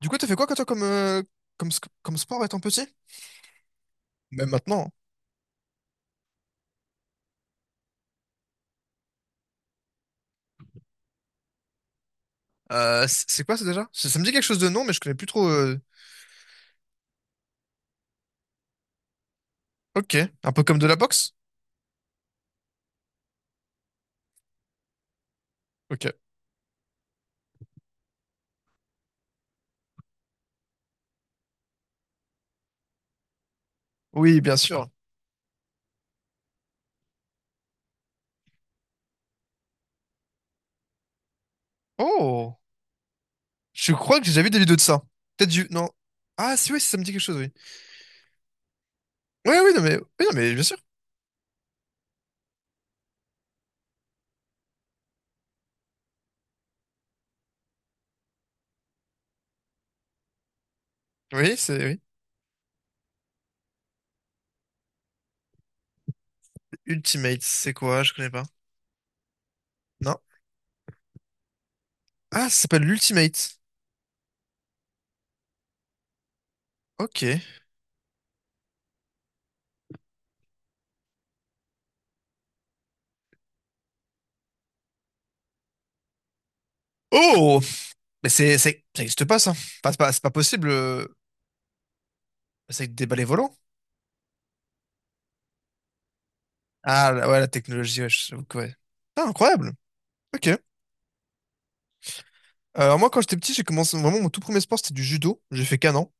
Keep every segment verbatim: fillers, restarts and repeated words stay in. Du coup, t'as fait quoi, toi, comme, euh, comme, sc- comme sport étant petit? Même maintenant. Hein. Euh, c- c'est quoi, ça, déjà? Ça, ça me dit quelque chose de nom, mais je connais plus trop. euh. Ok. Un peu comme de la boxe? Ok. Oui, bien sûr. Oh! Je crois que j'ai déjà vu des vidéos de ça. Peut-être du... Non. Ah, si, oui, si, ça me dit quelque chose, oui. Oui, oui, non, mais... oui, non, mais bien sûr. Oui, c'est... oui. Ultimate, c'est quoi? Je connais pas. Non. Ah, ça s'appelle l'Ultimate. Ok. Oh! Mais c'est... c'est- ça existe pas, ça. Enfin, c'est pas, c'est pas possible. euh, C'est avec des balais volants. Ah, la- ouais, la technologie, ouais, je- j'avoue que ouais. Ah, incroyable. Ok. Euh, Alors moi, quand j'étais petit, j'ai commencé vraiment mon tout premier sport, c'était du judo. J'ai fait qu'un an.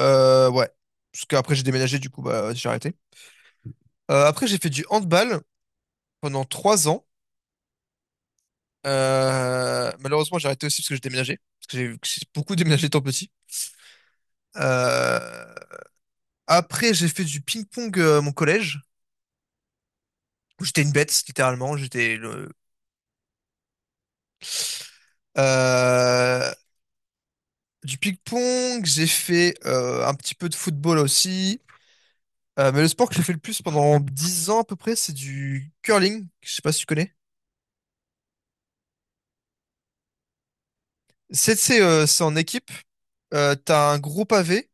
Euh, ouais. Parce qu'après, j'ai déménagé, du coup, bah, j'ai arrêté. Euh, après, j'ai fait du handball pendant trois ans. Euh, malheureusement, j'ai arrêté aussi parce que j'ai déménagé. Parce que j'ai j'ai beaucoup déménagé étant petit. Euh, Après, j'ai fait du ping-pong euh, à mon collège, où j'étais une bête, littéralement. J'étais le... Euh, du ping-pong, j'ai fait euh, un petit peu de football aussi. Euh, mais le sport que j'ai fait le plus pendant dix ans à peu près, c'est du curling. Je sais pas si tu connais. C'est c'est, euh, c'est en équipe. Euh, t'as un gros pavé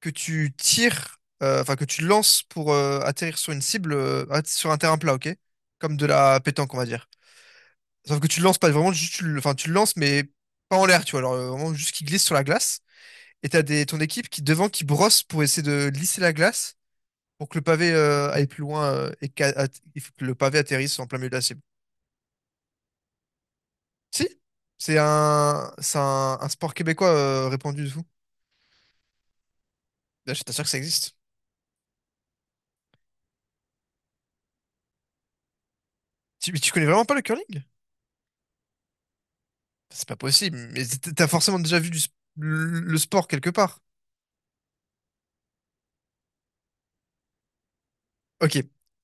que tu tires, euh, enfin que tu lances pour euh, atterrir sur une cible, euh, att- sur un terrain plat, ok? Comme de la pétanque, on va dire. Sauf que tu le lances pas vraiment, juste tu le, enfin tu le lances, mais pas en l'air, tu vois. Alors euh, vraiment juste qui glisse sur la glace. Et t'as des, ton équipe qui devant qui brosse pour essayer de lisser la glace pour que le pavé euh, aille plus loin. Euh, et qu'a- at- il faut que le pavé atterrisse en plein milieu de la cible. Si, c'est un, c'est un, un sport québécois euh, répandu de fou. Là, je t'assure que ça existe. Tu, mais tu connais vraiment pas le curling? C'est pas possible, mais t- t'as forcément déjà vu du s- le le sport quelque part. Ok.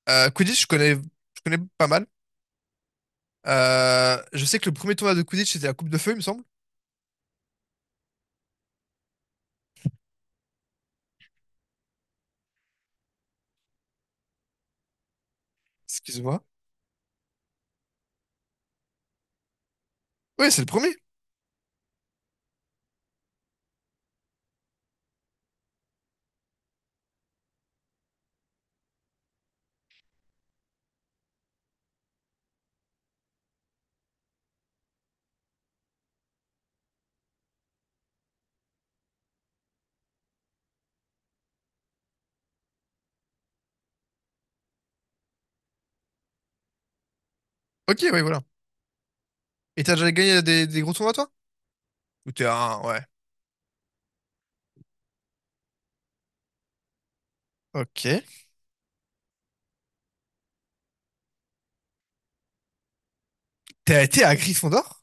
Euh, Quidditch, je connais, je connais pas mal. Euh, je sais que le premier tournoi de Quidditch, c'était la Coupe de Feu, il me semble. Excuse-moi. Oui, c'est le premier. Ok, oui, voilà. Et t'as déjà gagné des, des gros tournois, toi? Ou t'es un... Ouais. Ok. T'as été à Gryffondor?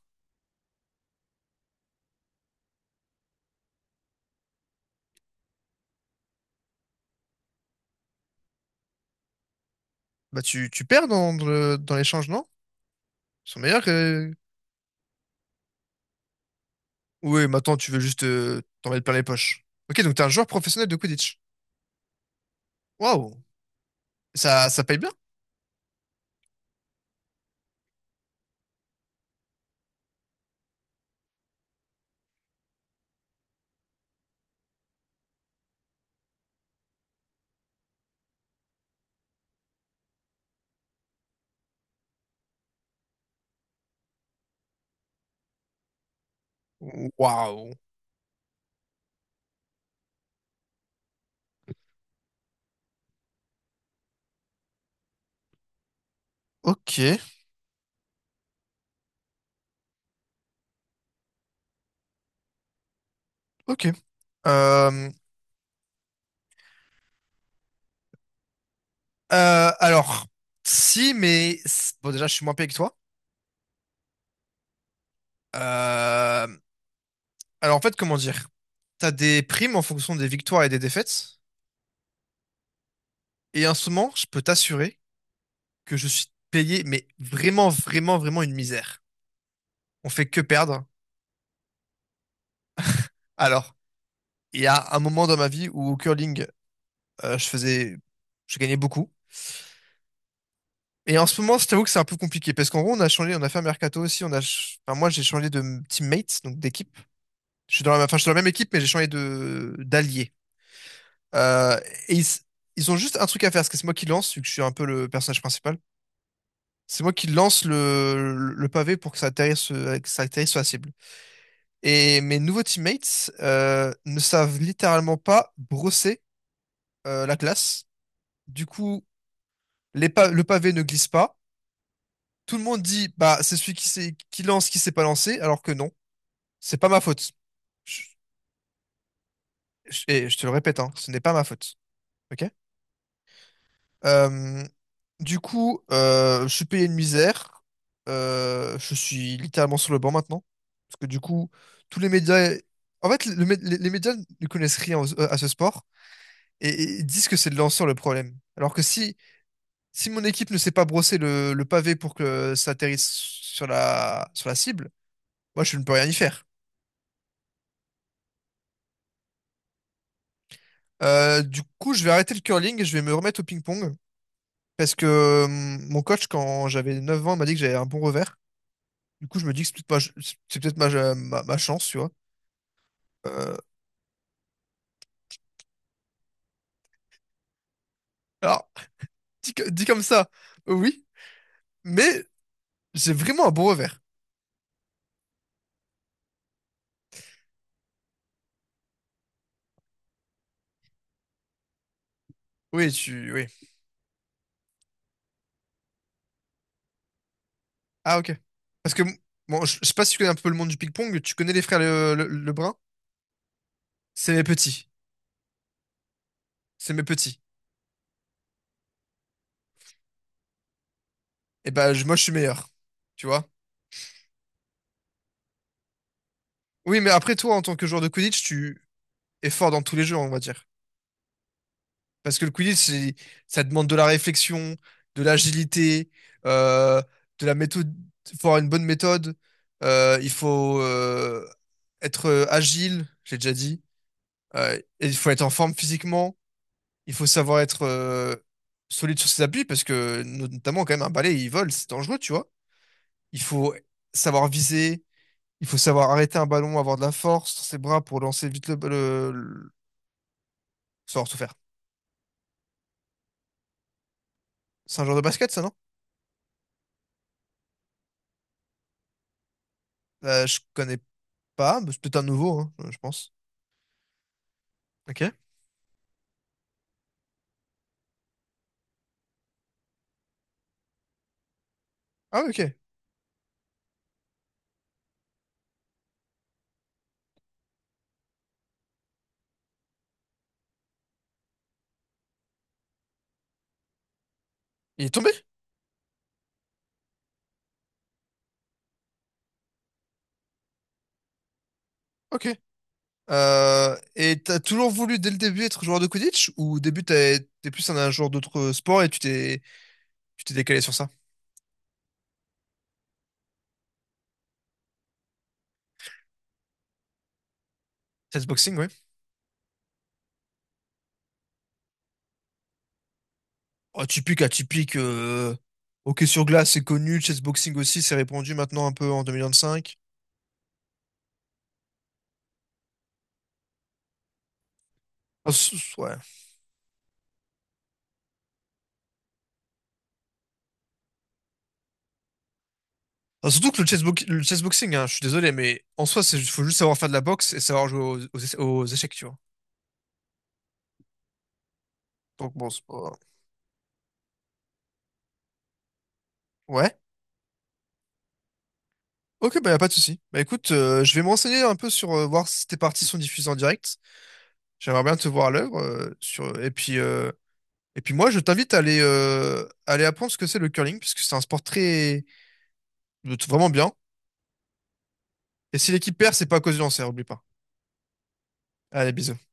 Bah, tu, tu perds dans, dans le- dans l'échange, non? Ils sont meilleurs que. Oui, maintenant tu veux juste euh, t'en mettre plein les poches. Ok, donc t'es un joueur professionnel de Quidditch. Waouh, ça, ça paye bien? Waouh. Ok, ok. Euh, euh, alors, si, mais bon, déjà, je suis moins payé que toi. Euh, alors, en fait, comment dire? T'as des primes en fonction des victoires et des défaites. Et en ce moment, je peux t'assurer que je suis payé, mais vraiment, vraiment, vraiment une misère. On fait que perdre. Alors, il y a un moment dans ma vie où au curling, euh, je faisais, je gagnais beaucoup. Et en ce moment, je t'avoue que c'est un peu compliqué parce qu'en gros, on a changé, on a fait un mercato aussi. On a, ch- enfin, moi, j'ai changé de teammate, donc d'équipe. Je suis dans la, Enfin, je suis dans la même équipe, mais j'ai changé de d'allié. Euh, et ils, ils ont juste un truc à faire, parce que c'est moi qui lance, vu que je suis un peu le personnage principal. C'est moi qui lance le, le pavé pour que ça atterrisse, euh, que ça atterrisse sur la cible. Et mes nouveaux teammates euh, ne savent littéralement pas brosser euh, la classe. Du coup, les pa- le pavé ne glisse pas. Tout le monde dit, bah, c'est celui qui sait, qui lance, qui s'est pas lancé, alors que non, c'est pas ma faute. Je, je- et je te le répète, hein, ce n'est pas ma faute. Ok? Euh, du coup, euh, je suis payé une misère. Euh, je suis littéralement sur le banc maintenant. Parce que du coup, tous les médias. En fait, le mé- les les médias ne connaissent rien aux- à ce sport, et, et disent que c'est le lanceur le problème. Alors que si, si, mon équipe ne sait pas brosser le, le pavé pour que ça atterrisse sur la, sur la cible, moi je ne peux rien y faire. Euh, du coup, je vais arrêter le curling et je vais me remettre au ping-pong. Parce que euh, mon coach, quand j'avais neuf ans, m'a dit que j'avais un bon revers. Du coup, je me dis que c'est peut-être ma, ch- c'est peut-être ma, ma- ma chance, tu vois. Euh, alors, dit, co- dit comme ça, oui, mais j'ai vraiment un bon revers. Oui, tu, oui. Ah, ok. Parce que, bon, je je sais pas si tu connais un peu le monde du ping-pong, tu connais les frères Le- Le- Lebrun? C'est mes petits. C'est mes petits. Et ben, je- moi, je suis meilleur. Tu vois? Oui, mais après, toi, en tant que joueur de Quidditch, tu es fort dans tous les jeux, on va dire. Parce que le Quidditch, c'est- ça demande de la réflexion, de l'agilité, euh, de la méthode. Il faut avoir une bonne méthode. Euh, il faut euh, être euh, agile, j'ai déjà dit. Euh, et il faut être en forme physiquement. Il faut savoir être euh, solide sur ses appuis parce que no- notamment quand même un balai, il vole, c'est dangereux, tu vois. Il faut savoir viser, il faut savoir arrêter un ballon, avoir de la force sur ses bras pour lancer vite le, le, le- savoir tout faire. C'est un genre de basket, ça, non? Euh, je connais pas, mais c'est peut-être un nouveau, hein, euh, je pense. Ok. Ah, ouais, ok. Il est tombé? Ok. Euh, et t'as toujours voulu dès le début être joueur de Quidditch ou au début t'as- t'es plus un, un, joueur d'autres sports et tu t'es tu t'es décalé sur ça? Peut-être boxing, oui. Oh, typique, atypique. Euh... Hockey sur glace, c'est connu. Chessboxing aussi, c'est répandu maintenant un peu en deux mille vingt-cinq. Ah, s- ouais. Ah, surtout que le chessbox- le chessboxing, hein, je suis désolé, mais en soi, il faut juste savoir faire de la boxe et savoir jouer aux, aux éche- aux échecs, tu vois. Donc bon, c'est pas. Ouais. Ok, bah y a pas de souci. Bah écoute, euh, je vais me renseigner un peu sur euh, voir si tes parties sont diffusées en direct. J'aimerais bien te voir à l'œuvre. euh, sur... Et puis, euh, et puis moi, je t'invite à aller, euh, à aller apprendre ce que c'est le curling, puisque c'est un sport très. Vraiment bien. Et si l'équipe perd, c'est pas à cause du lancer, oublie pas. Allez, bisous.